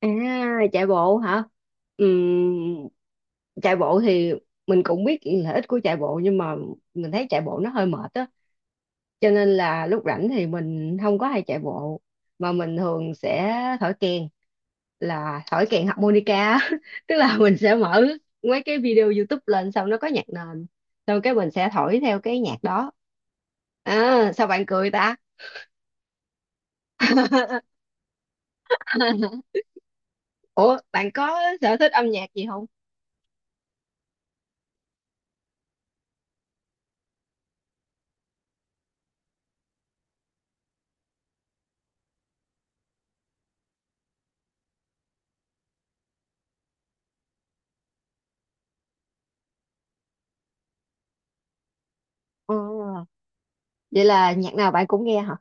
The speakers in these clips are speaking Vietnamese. À, chạy bộ hả? Ừm, Chạy bộ thì mình cũng biết lợi ích của chạy bộ, nhưng mà mình thấy chạy bộ nó hơi mệt á. Cho nên là lúc rảnh thì mình không có hay chạy bộ, mà mình thường sẽ thổi kèn, là thổi kèn harmonica á. Tức là mình sẽ mở mấy cái video YouTube lên, xong nó có nhạc nền, xong cái mình sẽ thổi theo cái nhạc đó. À, sao bạn cười ta? Ủa, bạn có sở thích âm nhạc gì không? Ờ. Vậy là nhạc nào bạn cũng nghe hả?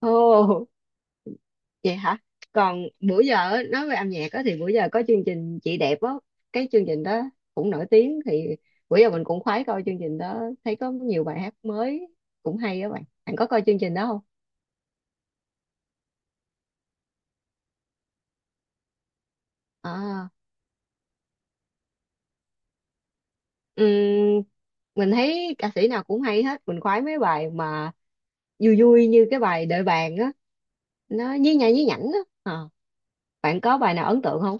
Ồ, vậy hả? Còn bữa giờ á, nói về âm nhạc á, thì bữa giờ có chương trình Chị Đẹp á, cái chương trình đó cũng nổi tiếng, thì bữa giờ mình cũng khoái coi chương trình đó, thấy có nhiều bài hát mới cũng hay á bạn. Bạn có coi chương trình đó không? À, ừm, mình thấy ca sĩ nào cũng hay hết, mình khoái mấy bài mà vui vui như cái bài Đợi bạn á, nó nhí nha nhí nhảnh á. Ờ, bạn có bài nào ấn tượng không?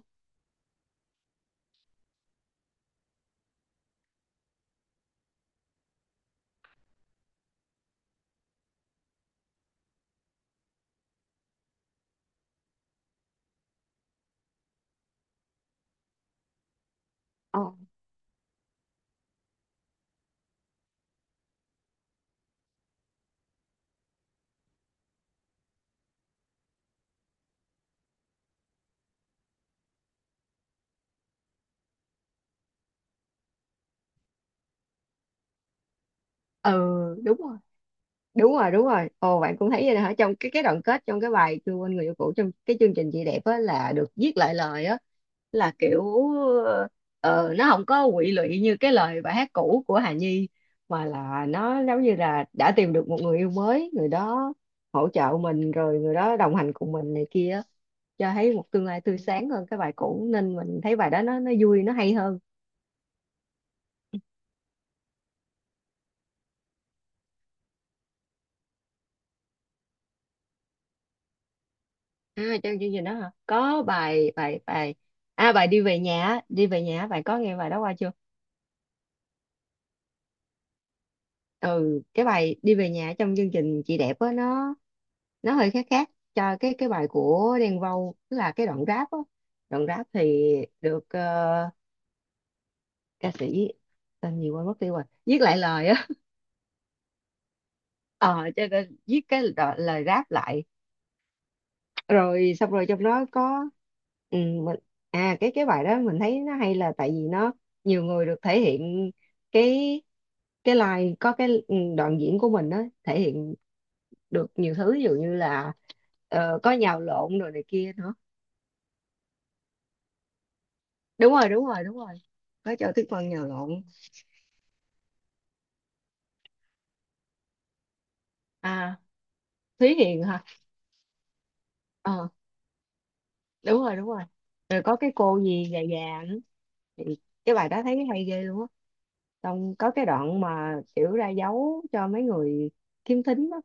Ờ, ừ, đúng rồi. Đúng rồi, đúng rồi. Ồ, bạn cũng thấy vậy hả? Trong cái đoạn kết, trong cái bài chưa quên người yêu cũ, trong cái chương trình Chị Đẹp á, là được viết lại lời á, là kiểu ờ, nó không có quỵ lụy như cái lời bài hát cũ của Hà Nhi, mà là nó giống như là đã tìm được một người yêu mới, người đó hỗ trợ mình, rồi người đó đồng hành cùng mình này kia á. Cho thấy một tương lai tươi sáng hơn cái bài cũ, nên mình thấy bài đó nó vui, nó hay hơn. À, trong chương trình đó hả, có bài bài bài à, bài Đi về nhà á, đi về nhà á, bạn có nghe bài đó qua chưa? Ừ, cái bài Đi về nhà trong chương trình Chị Đẹp á, nó hơi khác khác cho cái bài của Đen Vâu, tức là cái đoạn rap á, đoạn rap thì được, ca sĩ tên gì quên mất tiêu rồi viết lại lời á. Ờ cho nên viết lời rap lại, rồi xong rồi trong đó có, mình, à, cái bài đó mình thấy nó hay là tại vì nó nhiều người được thể hiện cái cái line, có cái đoạn diễn của mình á, thể hiện được nhiều thứ, ví dụ như là có nhào lộn rồi này kia nữa. Đúng rồi, đúng rồi, đúng rồi, có cho Tuyết Vân nhào lộn. À, Thúy Hiền hả? Ờ, đúng rồi, đúng rồi. Rồi có cái cô gì già già nữa thì cái bài đó thấy cái hay ghê luôn á, xong có cái đoạn mà kiểu ra dấu cho mấy người khiếm thính đó.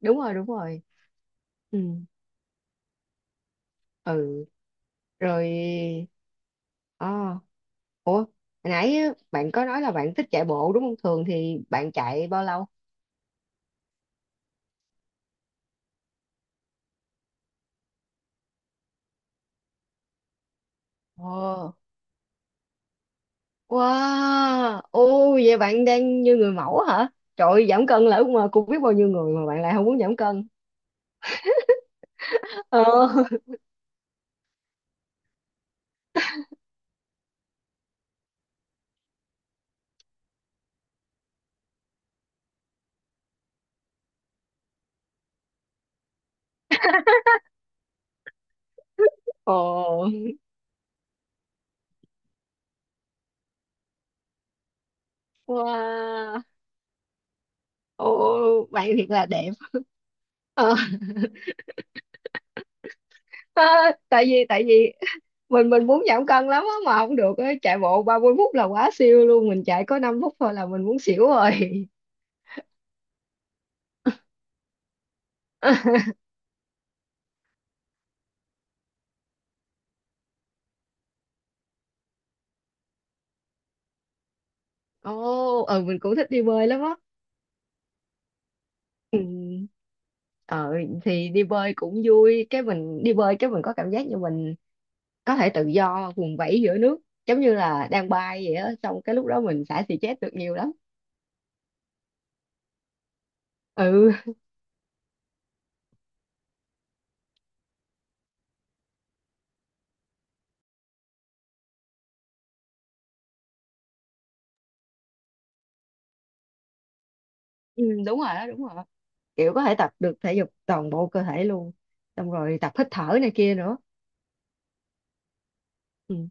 Đúng rồi, đúng rồi. Ừ, ừ. Rồi, à, ủa hồi nãy á, bạn có nói là bạn thích chạy bộ đúng không, thường thì bạn chạy bao lâu? Ờ. Wow, ô vậy bạn đang như người mẫu hả? Trời ơi, giảm cân là ước mơ của biết bao nhiêu người mà bạn lại không muốn giảm cân. Ờ, ồ, wow, ồ, bạn thiệt là đẹp. Ờ, à, tại vì mình muốn giảm cân lắm á mà không được á, chạy bộ 30 phút là quá siêu luôn, mình chạy có 5 phút thôi là mình muốn xỉu rồi. Ồ, ừ, mình cũng thích đi bơi lắm á. Ừ. Ờ, thì đi bơi cũng vui, cái mình đi bơi cái mình có cảm giác như mình có thể tự do vùng vẫy giữa nước, giống như là đang bay vậy á, xong cái lúc đó mình xả stress được nhiều lắm. Ừ, ừ, đúng rồi đó, đúng rồi, kiểu có thể tập được thể dục toàn bộ cơ thể luôn, xong rồi tập hít thở này kia nữa. Ừ.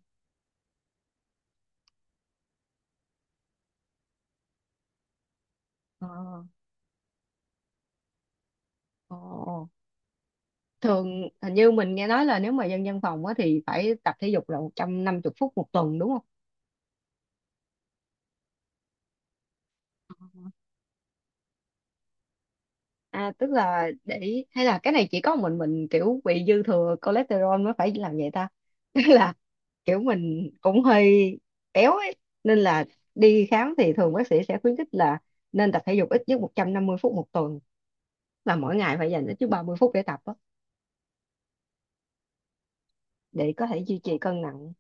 Ờ, ờ. Thường hình như mình nghe nói là nếu mà dân văn phòng á thì phải tập thể dục là 150 phút một tuần đúng không? À, tức là hay là cái này chỉ có mình kiểu bị dư thừa cholesterol mới phải làm vậy ta. Tức là kiểu mình cũng hơi béo ấy, nên là đi khám thì thường bác sĩ sẽ khuyến khích là nên tập thể dục ít nhất 150 phút một tuần, là mỗi ngày phải dành ít nhất 30 phút để tập á, để có thể duy trì cân nặng.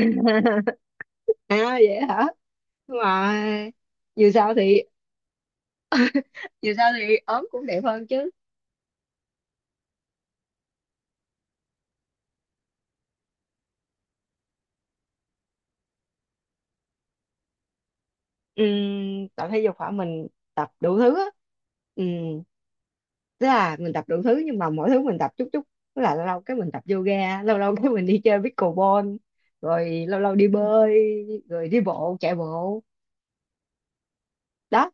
À vậy hả? Nhưng mà dù sao thì dù sao thì ốm cũng đẹp hơn chứ. Tập thể dục hả? Mình tập đủ thứ á. Ừm, tức là mình tập đủ thứ nhưng mà mỗi thứ mình tập chút chút, tức là lâu lâu cái mình tập yoga, lâu lâu cái mình đi chơi pickleball, rồi lâu lâu đi bơi, rồi đi bộ, chạy bộ đó.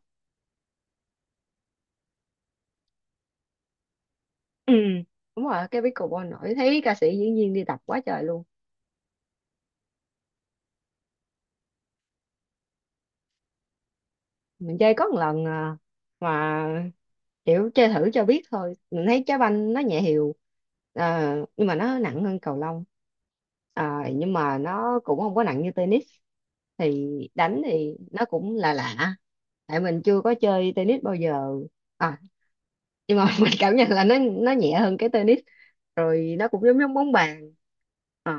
Ừ, đúng rồi, cái pickleball nổi, thấy ca sĩ diễn viên đi tập quá trời luôn. Mình chơi có một lần à, mà kiểu chơi thử cho biết thôi, mình thấy trái banh nó nhẹ hiều, à, nhưng mà nó nặng hơn cầu lông, à, nhưng mà nó cũng không có nặng như tennis, thì đánh thì nó cũng là lạ lạ. Tại mình chưa có chơi tennis bao giờ, à, nhưng mà mình cảm nhận là nó nhẹ hơn cái tennis, rồi nó cũng giống giống bóng bàn. Ờ,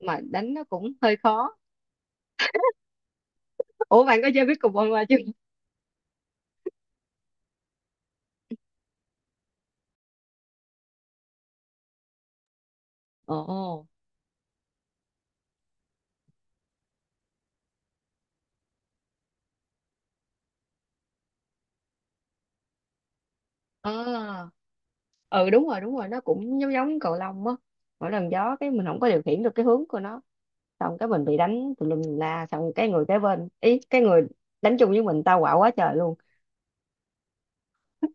mà đánh nó cũng hơi khó. Ủa bạn có chơi pickleball qua chưa? Ồ. À, ừ, đúng rồi, đúng rồi, nó cũng giống giống cầu lông á, mỗi lần gió cái mình không có điều khiển được cái hướng của nó, xong cái mình bị đánh tùm lum tùm la, xong cái người kế bên ý, cái người đánh chung với mình tao quạo quá trời luôn.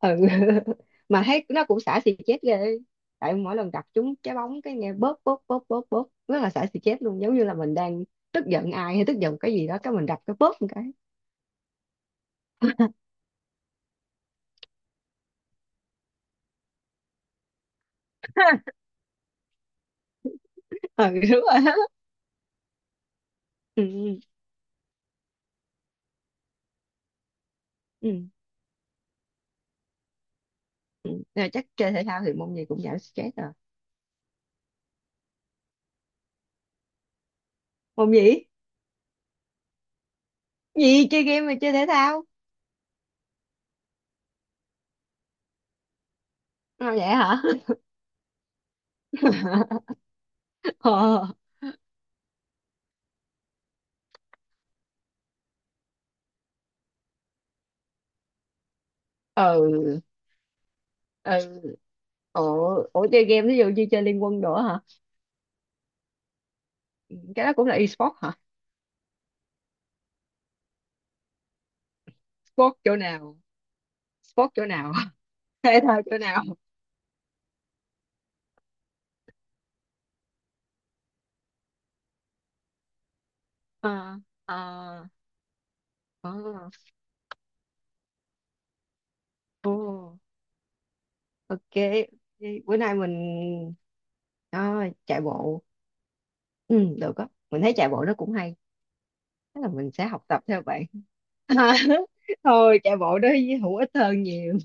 Ừ. Mà thấy nó cũng xả xì chết ghê, tại mỗi lần gặp chúng trái bóng cái nghe bóp bóp bóp bóp bóp, rất là xả xì chết luôn, giống như là mình đang tức giận ai hay tức giận cái gì đó, cái mình đập cái bóp một cái. Ừ, đúng rồi. Đó. Ừ, ừ, ừ. Ừ. Rồi chắc chơi thể thao thì môn gì cũng giảm stress rồi. Môn gì? Gì chơi game mà chơi thể thao? À, vậy hả? Ờ. Ừ, ừ. Ủa ủa chơi game ví dụ như chơi Liên Quân nữa hả? Cái đó cũng là e-sport hả? Sport chỗ nào? Sport chỗ nào? Thể thao chỗ nào? Ờ, ờ, ờ, ờ, ok. Vậy bữa nay mình, à, chạy bộ, ừ được á, mình thấy chạy bộ nó cũng hay. Thế là mình sẽ học tập theo bạn. Thôi chạy bộ đó, hữu ích hơn nhiều.